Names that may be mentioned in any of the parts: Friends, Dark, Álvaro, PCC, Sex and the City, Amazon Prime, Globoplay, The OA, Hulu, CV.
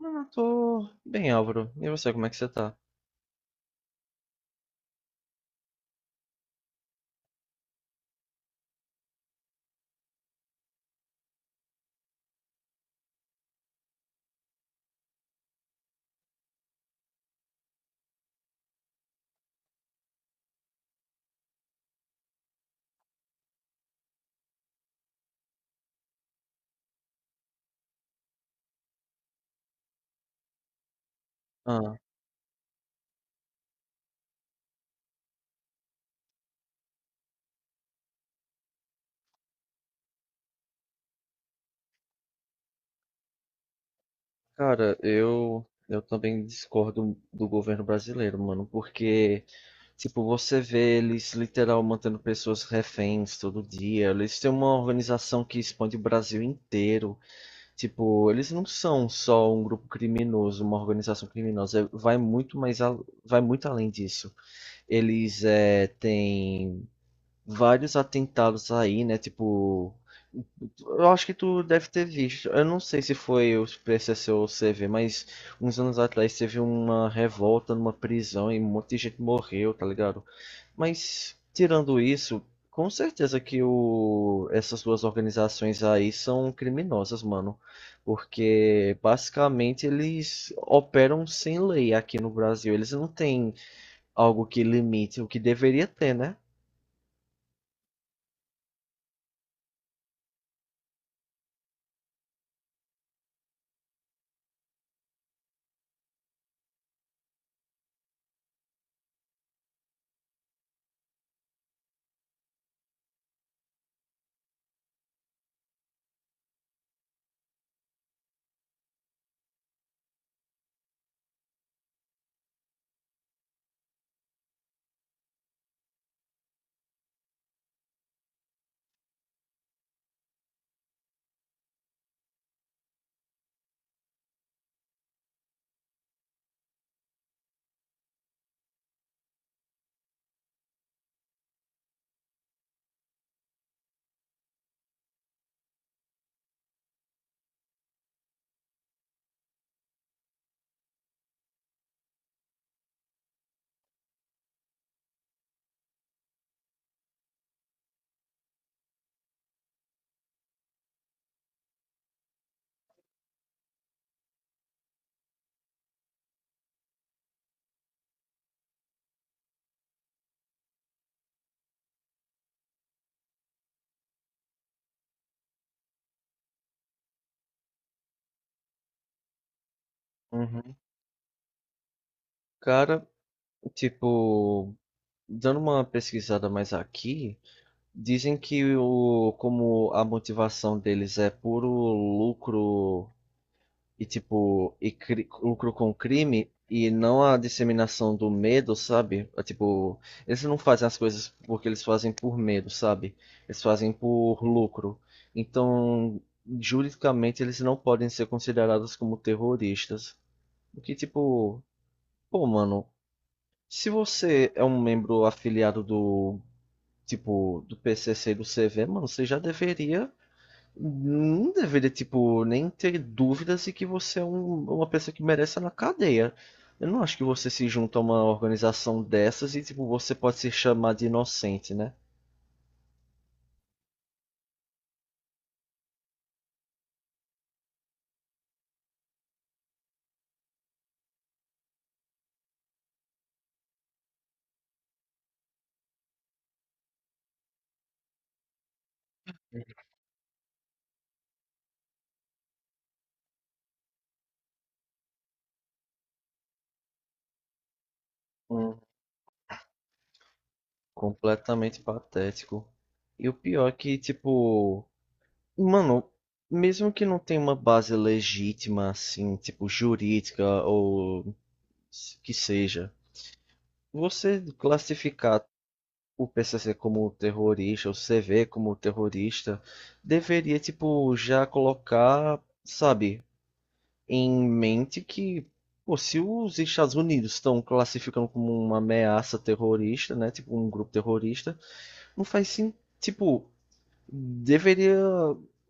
Ah, tô bem, Álvaro. E você, como é que você tá? Ah, cara, eu também discordo do governo brasileiro, mano, porque tipo, você vê eles literal mantendo pessoas reféns todo dia. Eles têm uma organização que expande o Brasil inteiro. Tipo, eles não são só um grupo criminoso, uma organização criminosa, vai muito mais vai muito além disso. Eles têm vários atentados aí, né? Tipo, eu acho que tu deve ter visto. Eu não sei se foi o PCC ou o CV, mas uns anos atrás teve uma revolta numa prisão e um monte de gente morreu, tá ligado? Mas tirando isso, com certeza que essas duas organizações aí são criminosas, mano. Porque basicamente eles operam sem lei aqui no Brasil. Eles não têm algo que limite o que deveria ter, né? Uhum. Cara, tipo, dando uma pesquisada mais aqui, dizem que como a motivação deles é puro lucro e tipo, e lucro com crime e não a disseminação do medo, sabe? É, tipo, eles não fazem as coisas porque eles fazem por medo, sabe? Eles fazem por lucro. Então, juridicamente eles não podem ser considerados como terroristas. O que tipo, pô, mano, se você é um membro afiliado do, tipo, do PCC e do CV, mano, você já deveria. Não deveria, tipo, nem ter dúvidas de que você é uma pessoa que merece estar na cadeia. Eu não acho que você se junta a uma organização dessas e, tipo, você pode se chamar de inocente, né? Hum, completamente patético. E o pior é que, tipo, mano, mesmo que não tenha uma base legítima, assim, tipo, jurídica ou que seja. Você classificar o PCC como terrorista, o CV como terrorista, deveria, tipo, já colocar, sabe, em mente que, pô, se os Estados Unidos estão classificando como uma ameaça terrorista, né, tipo, um grupo terrorista, não faz sentido, tipo, deveria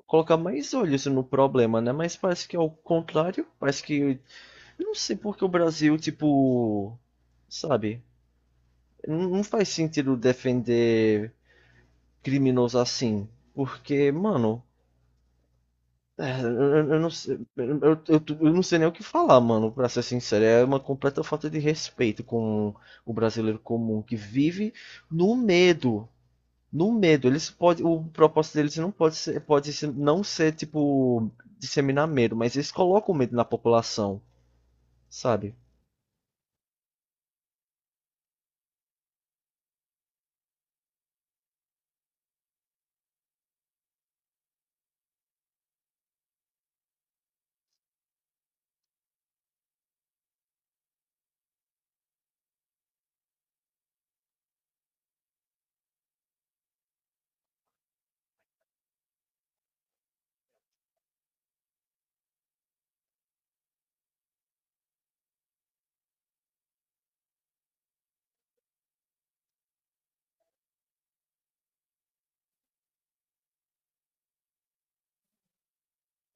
colocar mais olhos no problema, né, mas parece que é o contrário, parece que, eu não sei por que o Brasil, tipo, sabe, não faz sentido defender criminosos assim. Porque, mano. Eu, não sei, eu não sei nem o que falar, mano, pra ser sincero. É uma completa falta de respeito com o brasileiro comum que vive no medo. No medo. Eles podem o propósito deles não pode ser, não ser, tipo, disseminar medo, mas eles colocam medo na população, sabe?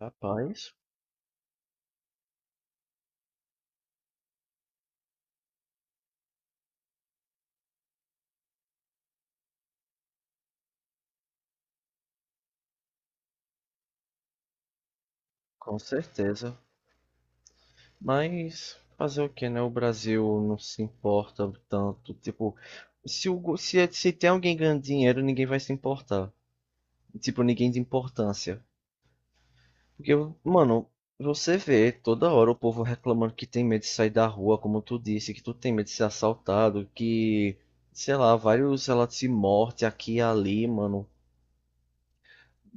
Rapaz, com certeza. Mas fazer o que, né? O Brasil não se importa tanto. Tipo, se, se tem alguém ganhando dinheiro, ninguém vai se importar. Tipo, ninguém de importância. Porque, mano, você vê toda hora o povo reclamando que tem medo de sair da rua, como tu disse, que tu tem medo de ser assaltado, que, sei lá, vários relatos de morte aqui e ali, mano.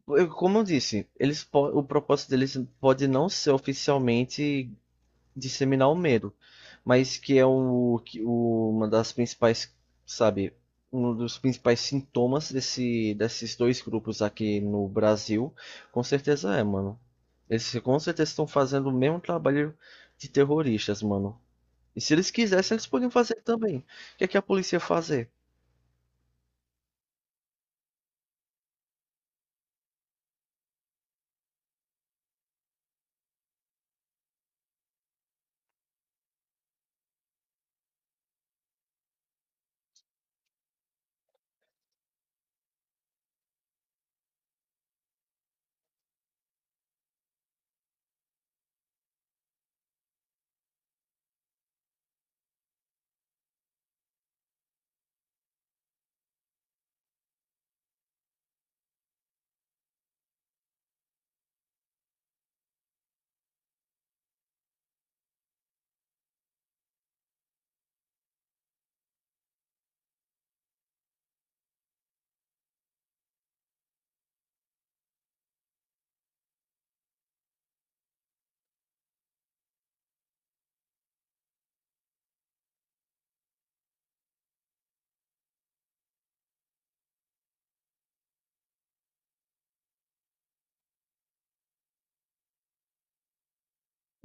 Como eu disse, o propósito deles pode não ser oficialmente disseminar o medo, mas que é uma das principais, sabe, um dos principais sintomas desses dois grupos aqui no Brasil, com certeza é, mano. Eles com certeza estão fazendo o mesmo trabalho de terroristas, mano. E se eles quisessem, eles podiam fazer também. O que é que a polícia ia fazer?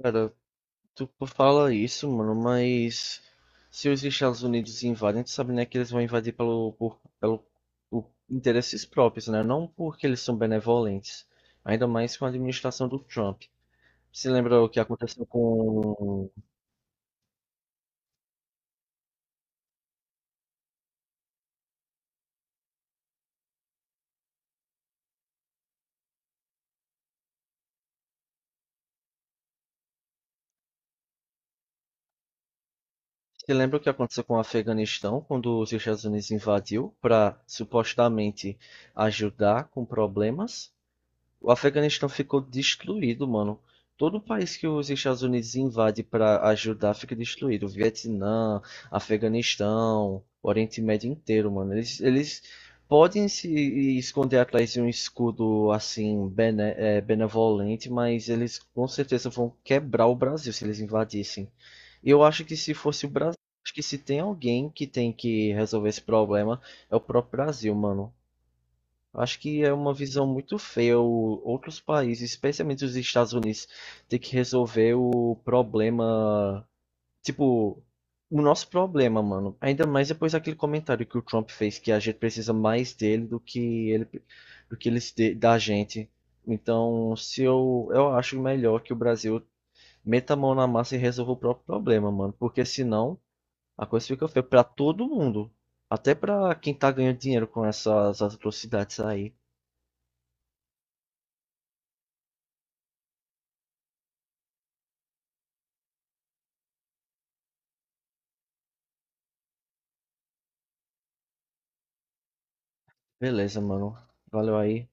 Cara, tu fala isso, mano, mas se os Estados Unidos invadem, tu sabe, né, que eles vão invadir pelo por interesses próprios, né? Não porque eles são benevolentes. Ainda mais com a administração do Trump. Se lembra o que aconteceu com, se lembra o que aconteceu com o Afeganistão, quando os Estados Unidos invadiu para supostamente ajudar com problemas? O Afeganistão ficou destruído, mano. Todo país que os Estados Unidos invade para ajudar fica destruído. Vietnã, Afeganistão, Oriente Médio inteiro, mano. Eles podem se esconder atrás de um escudo assim benevolente, mas eles com certeza vão quebrar o Brasil se eles invadissem. Eu acho que se fosse o Brasil, acho que se tem alguém que tem que resolver esse problema é o próprio Brasil, mano. Eu acho que é uma visão muito feia outros países, especialmente os Estados Unidos, ter que resolver o problema, tipo, o nosso problema, mano. Ainda mais depois daquele comentário que o Trump fez, que a gente precisa mais dele do que ele, do que eles da gente. Então, se eu, eu acho melhor que o Brasil meta a mão na massa e resolva o próprio problema, mano, porque senão a coisa fica feia pra todo mundo, até pra quem tá ganhando dinheiro com essas atrocidades aí. Beleza, mano. Valeu aí.